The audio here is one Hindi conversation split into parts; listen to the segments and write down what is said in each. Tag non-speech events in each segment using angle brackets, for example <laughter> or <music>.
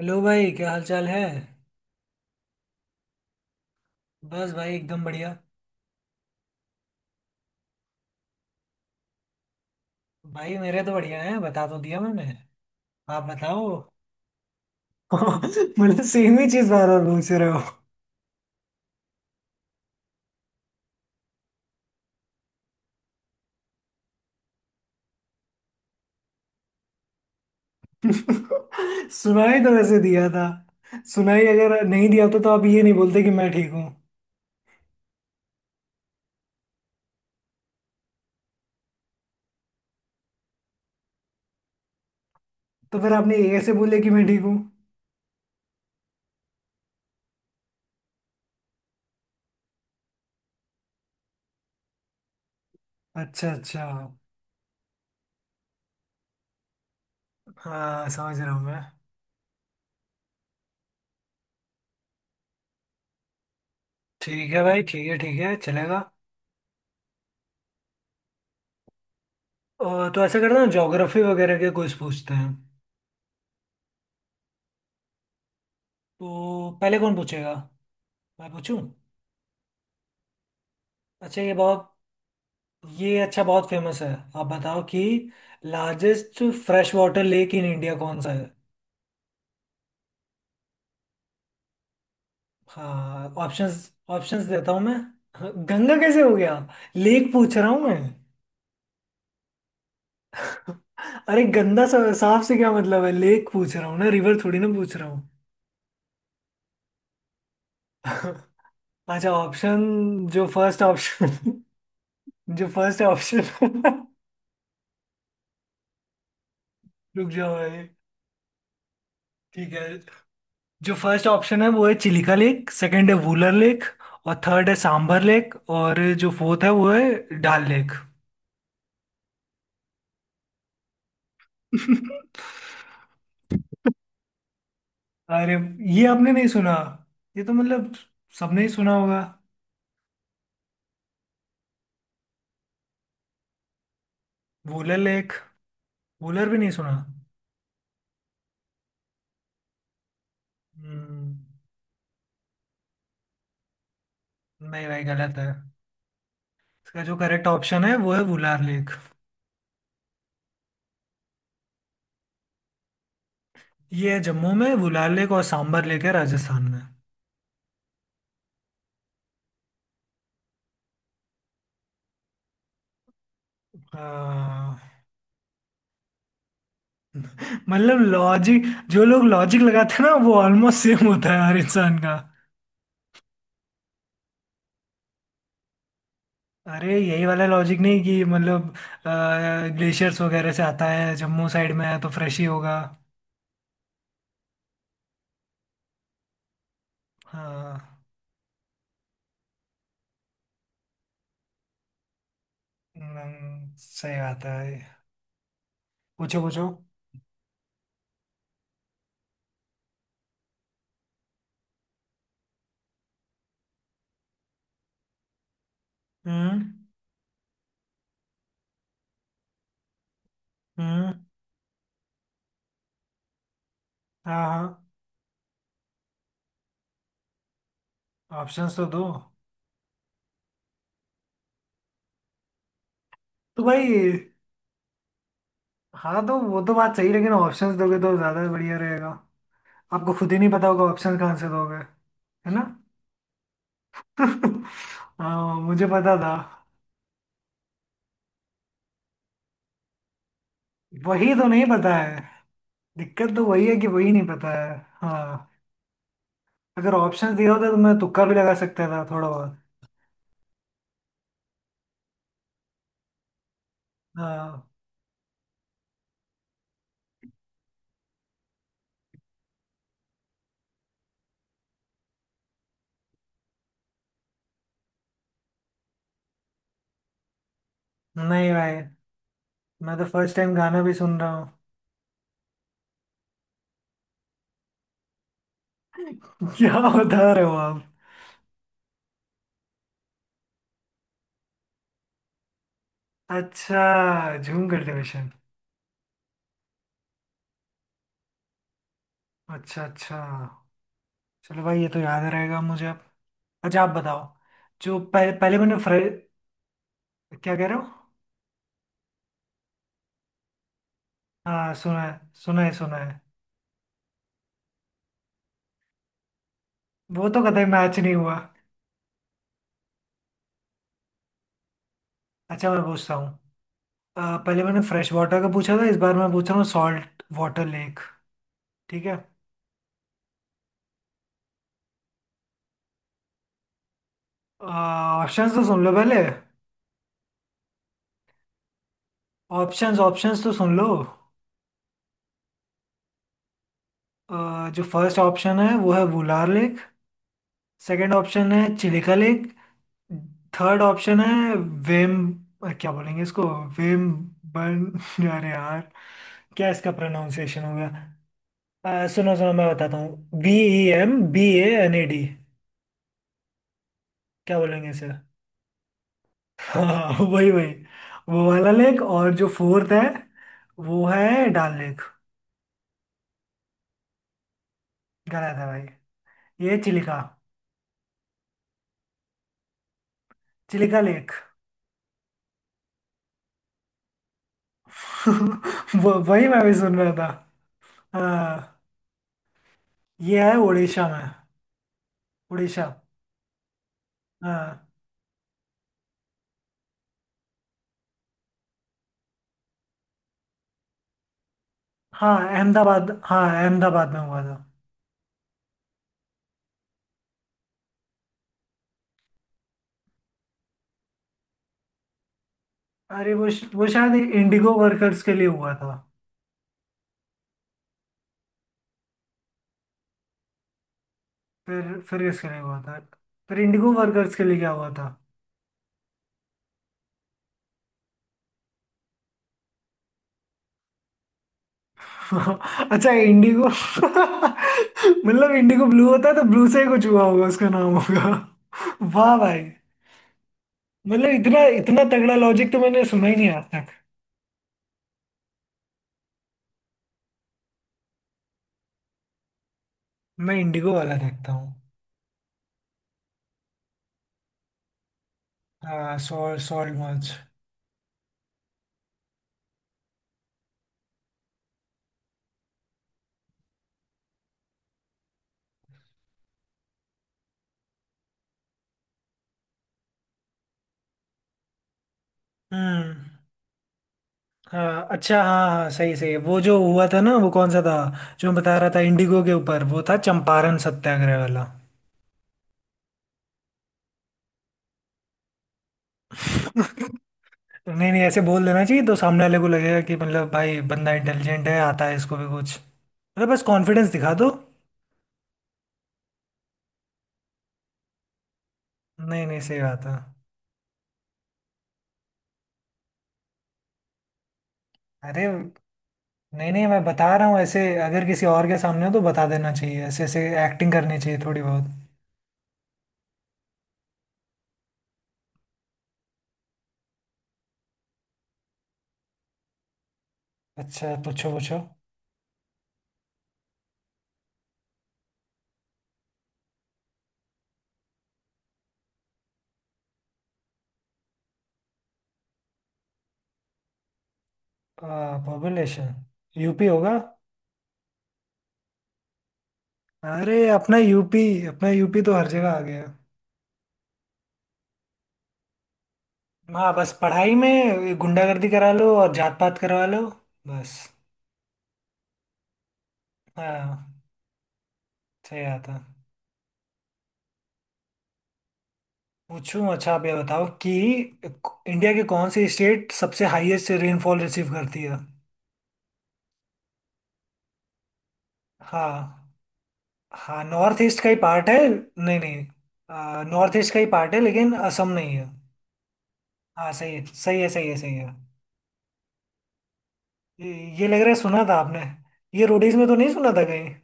हेलो भाई, क्या हाल चाल है। बस भाई एकदम बढ़िया। भाई मेरे तो बढ़िया है, बता तो दिया मैंने। आप बताओ <laughs> मतलब सेम ही चीज बार बार पूछ रहे हो। <laughs> सुनाई तो वैसे दिया था। सुनाई अगर नहीं दिया होता तो आप ये नहीं बोलते कि मैं ठीक हूँ। तो फिर आपने ये ऐसे बोले कि मैं ठीक हूँ। अच्छा अच्छा। हाँ समझ रहा हूँ मैं। ठीक है भाई, ठीक है, ठीक है, चलेगा। और तो ऐसा करते हैं, ज्योग्राफी वगैरह के कुछ पूछते हैं। तो पहले कौन पूछेगा। मैं पूछूं। अच्छा ये बताओ, ये अच्छा बहुत फेमस है। आप बताओ कि largest fresh water lake in India कौन सा है। हाँ, ऑप्शंस ऑप्शंस देता हूँ मैं। गंगा कैसे हो गया। लेक पूछ रहा हूँ मैं। अरे गंदा सा, साफ से क्या मतलब है, लेक पूछ रहा हूँ ना, रिवर थोड़ी ना पूछ रहा हूँ। <laughs> अच्छा ऑप्शन। जो फर्स्ट ऑप्शन <laughs> जो फर्स्ट ऑप्शन <laughs> रुक जाओ भाई। ठीक है, जो फर्स्ट ऑप्शन है वो है चिलिका लेक, सेकंड है वूलर लेक, और थर्ड है सांभर लेक, और जो फोर्थ है वो है डाल लेक <laughs> अरे, ये आपने नहीं सुना। ये तो मतलब सबने ही सुना होगा। वूलर लेक, वूलर भी नहीं सुना। हम्म, नहीं भाई, गलत है। इसका जो करेक्ट ऑप्शन है वो है वुलार लेक। ये है जम्मू में वुलार लेक, और सांभर लेक है राजस्थान में। हाँ, मतलब लॉजिक, जो लोग लॉजिक लगाते हैं ना वो ऑलमोस्ट सेम होता है हर इंसान का। अरे यही वाला लॉजिक, नहीं कि मतलब ग्लेशियर्स वगैरह से आता है, जम्मू साइड में है तो फ्रेश ही होगा। हाँ। सही बात है। पूछो पूछो। हम्म। हम्म। हाँ हाँ, ऑप्शंस तो दो। तो भाई, हाँ तो वो तो बात सही, लेकिन ऑप्शंस दोगे तो ज़्यादा बढ़िया रहेगा। आपको खुद ही नहीं पता होगा, ऑप्शंस कहाँ से दोगे। है ना। <laughs> हाँ, मुझे पता था। वही तो नहीं पता है, दिक्कत तो वही है कि वही नहीं पता है। हाँ, अगर ऑप्शन दिया होता तो मैं तुक्का भी लगा सकता था थोड़ा बहुत। हाँ, नहीं भाई, मैं तो फर्स्ट टाइम गाना भी सुन रहा हूँ। <laughs> क्या बता रहे हो आप। अच्छा, झूम कल्टीवेशन। अच्छा अच्छा, चलो भाई ये तो याद रहेगा मुझे अब। अच्छा आप बताओ। पहले मैंने फ्रे, क्या कह रहे हो। हाँ सुना है, सुना है सुना है। वो तो कतई मैच नहीं हुआ। अच्छा, मैं पूछता हूँ। पहले मैंने फ्रेश वाटर का पूछा था, इस बार मैं पूछ रहा हूँ सॉल्ट वाटर लेक। ठीक है। ऑप्शन तो सुन लो पहले। ऑप्शंस ऑप्शंस तो सुन लो। जो फर्स्ट ऑप्शन है वो है वुलार लेक। सेकंड ऑप्शन है चिलिका लेक। थर्ड ऑप्शन है वेम, क्या बोलेंगे इसको, वेम बन <laughs> अरे यार, क्या इसका प्रोनाउंसिएशन होगा। सुनो सुनो, मैं बताता हूँ, B E M B A N A D. क्या बोलेंगे इसे <laughs> हाँ वही वही, वो वाला लेक। और जो फोर्थ है वो है डाल लेक। गलत है भाई। ये चिलिका, चिलिका लेक। <laughs> वो वही मैं भी सुन रहा था। हाँ, ये है उड़ीसा में। उड़ीसा। हाँ हाँ अहमदाबाद, हाँ अहमदाबाद में हुआ था। वो शायद इंडिगो वर्कर्स के लिए हुआ था। फिर फिर किसके लिए हुआ था। फिर इंडिगो वर्कर्स के लिए क्या हुआ था। <laughs> अच्छा इंडिगो <laughs> मतलब इंडिगो ब्लू होता है तो ब्लू से ही कुछ हुआ होगा उसका नाम होगा <laughs> वाह भाई, मतलब इतना इतना तगड़ा लॉजिक तो मैंने सुना ही नहीं आज तक। मैं इंडिगो वाला देखता हूँ। हाँ सॉल्ट सॉल्ट। हम्म। हाँ अच्छा, हाँ हाँ सही सही, वो जो हुआ था ना वो कौन सा था, जो मैं बता रहा था इंडिगो के ऊपर, वो था चंपारण सत्याग्रह वाला। नहीं नहीं, ऐसे बोल देना चाहिए तो सामने वाले को लगेगा कि मतलब भाई बंदा इंटेलिजेंट है, आता है इसको भी कुछ, मतलब बस कॉन्फिडेंस दिखा दो। नहीं नहीं, सही बात है। अरे नहीं नहीं, मैं बता रहा हूँ ऐसे, अगर किसी और के सामने हो तो बता देना चाहिए ऐसे ऐसे, एक्टिंग करनी चाहिए थोड़ी बहुत। अच्छा पूछो पूछो। पॉपुलेशन। यूपी होगा। अरे अपना यूपी, अपना यूपी तो हर जगह आ गया। हाँ, बस पढ़ाई में गुंडागर्दी करा लो और जात पात करवा लो, बस। हाँ, सही आता। पूछूं। अच्छा आप ये बताओ कि इंडिया के कौन सी स्टेट सबसे हाईएस्ट रेनफॉल रिसीव करती है। हाँ, हाँ नॉर्थ ईस्ट का ही पार्ट है, नहीं नहीं, नॉर्थ ईस्ट का ही पार्ट है लेकिन असम नहीं है। हाँ सही है सही है सही है सही है। ये ये लग रहा है सुना था आपने, ये रोडीज में तो नहीं सुना था कहीं।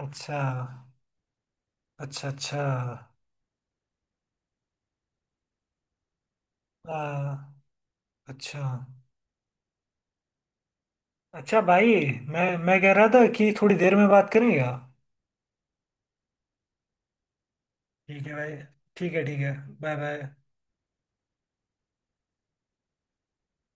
अच्छा, अच्छा अच्छा। हाँ, अच्छा। अच्छा भाई, मैं कह रहा था कि थोड़ी देर में बात करेंगे आप। ठीक है भाई, ठीक है ठीक है। Bye bye.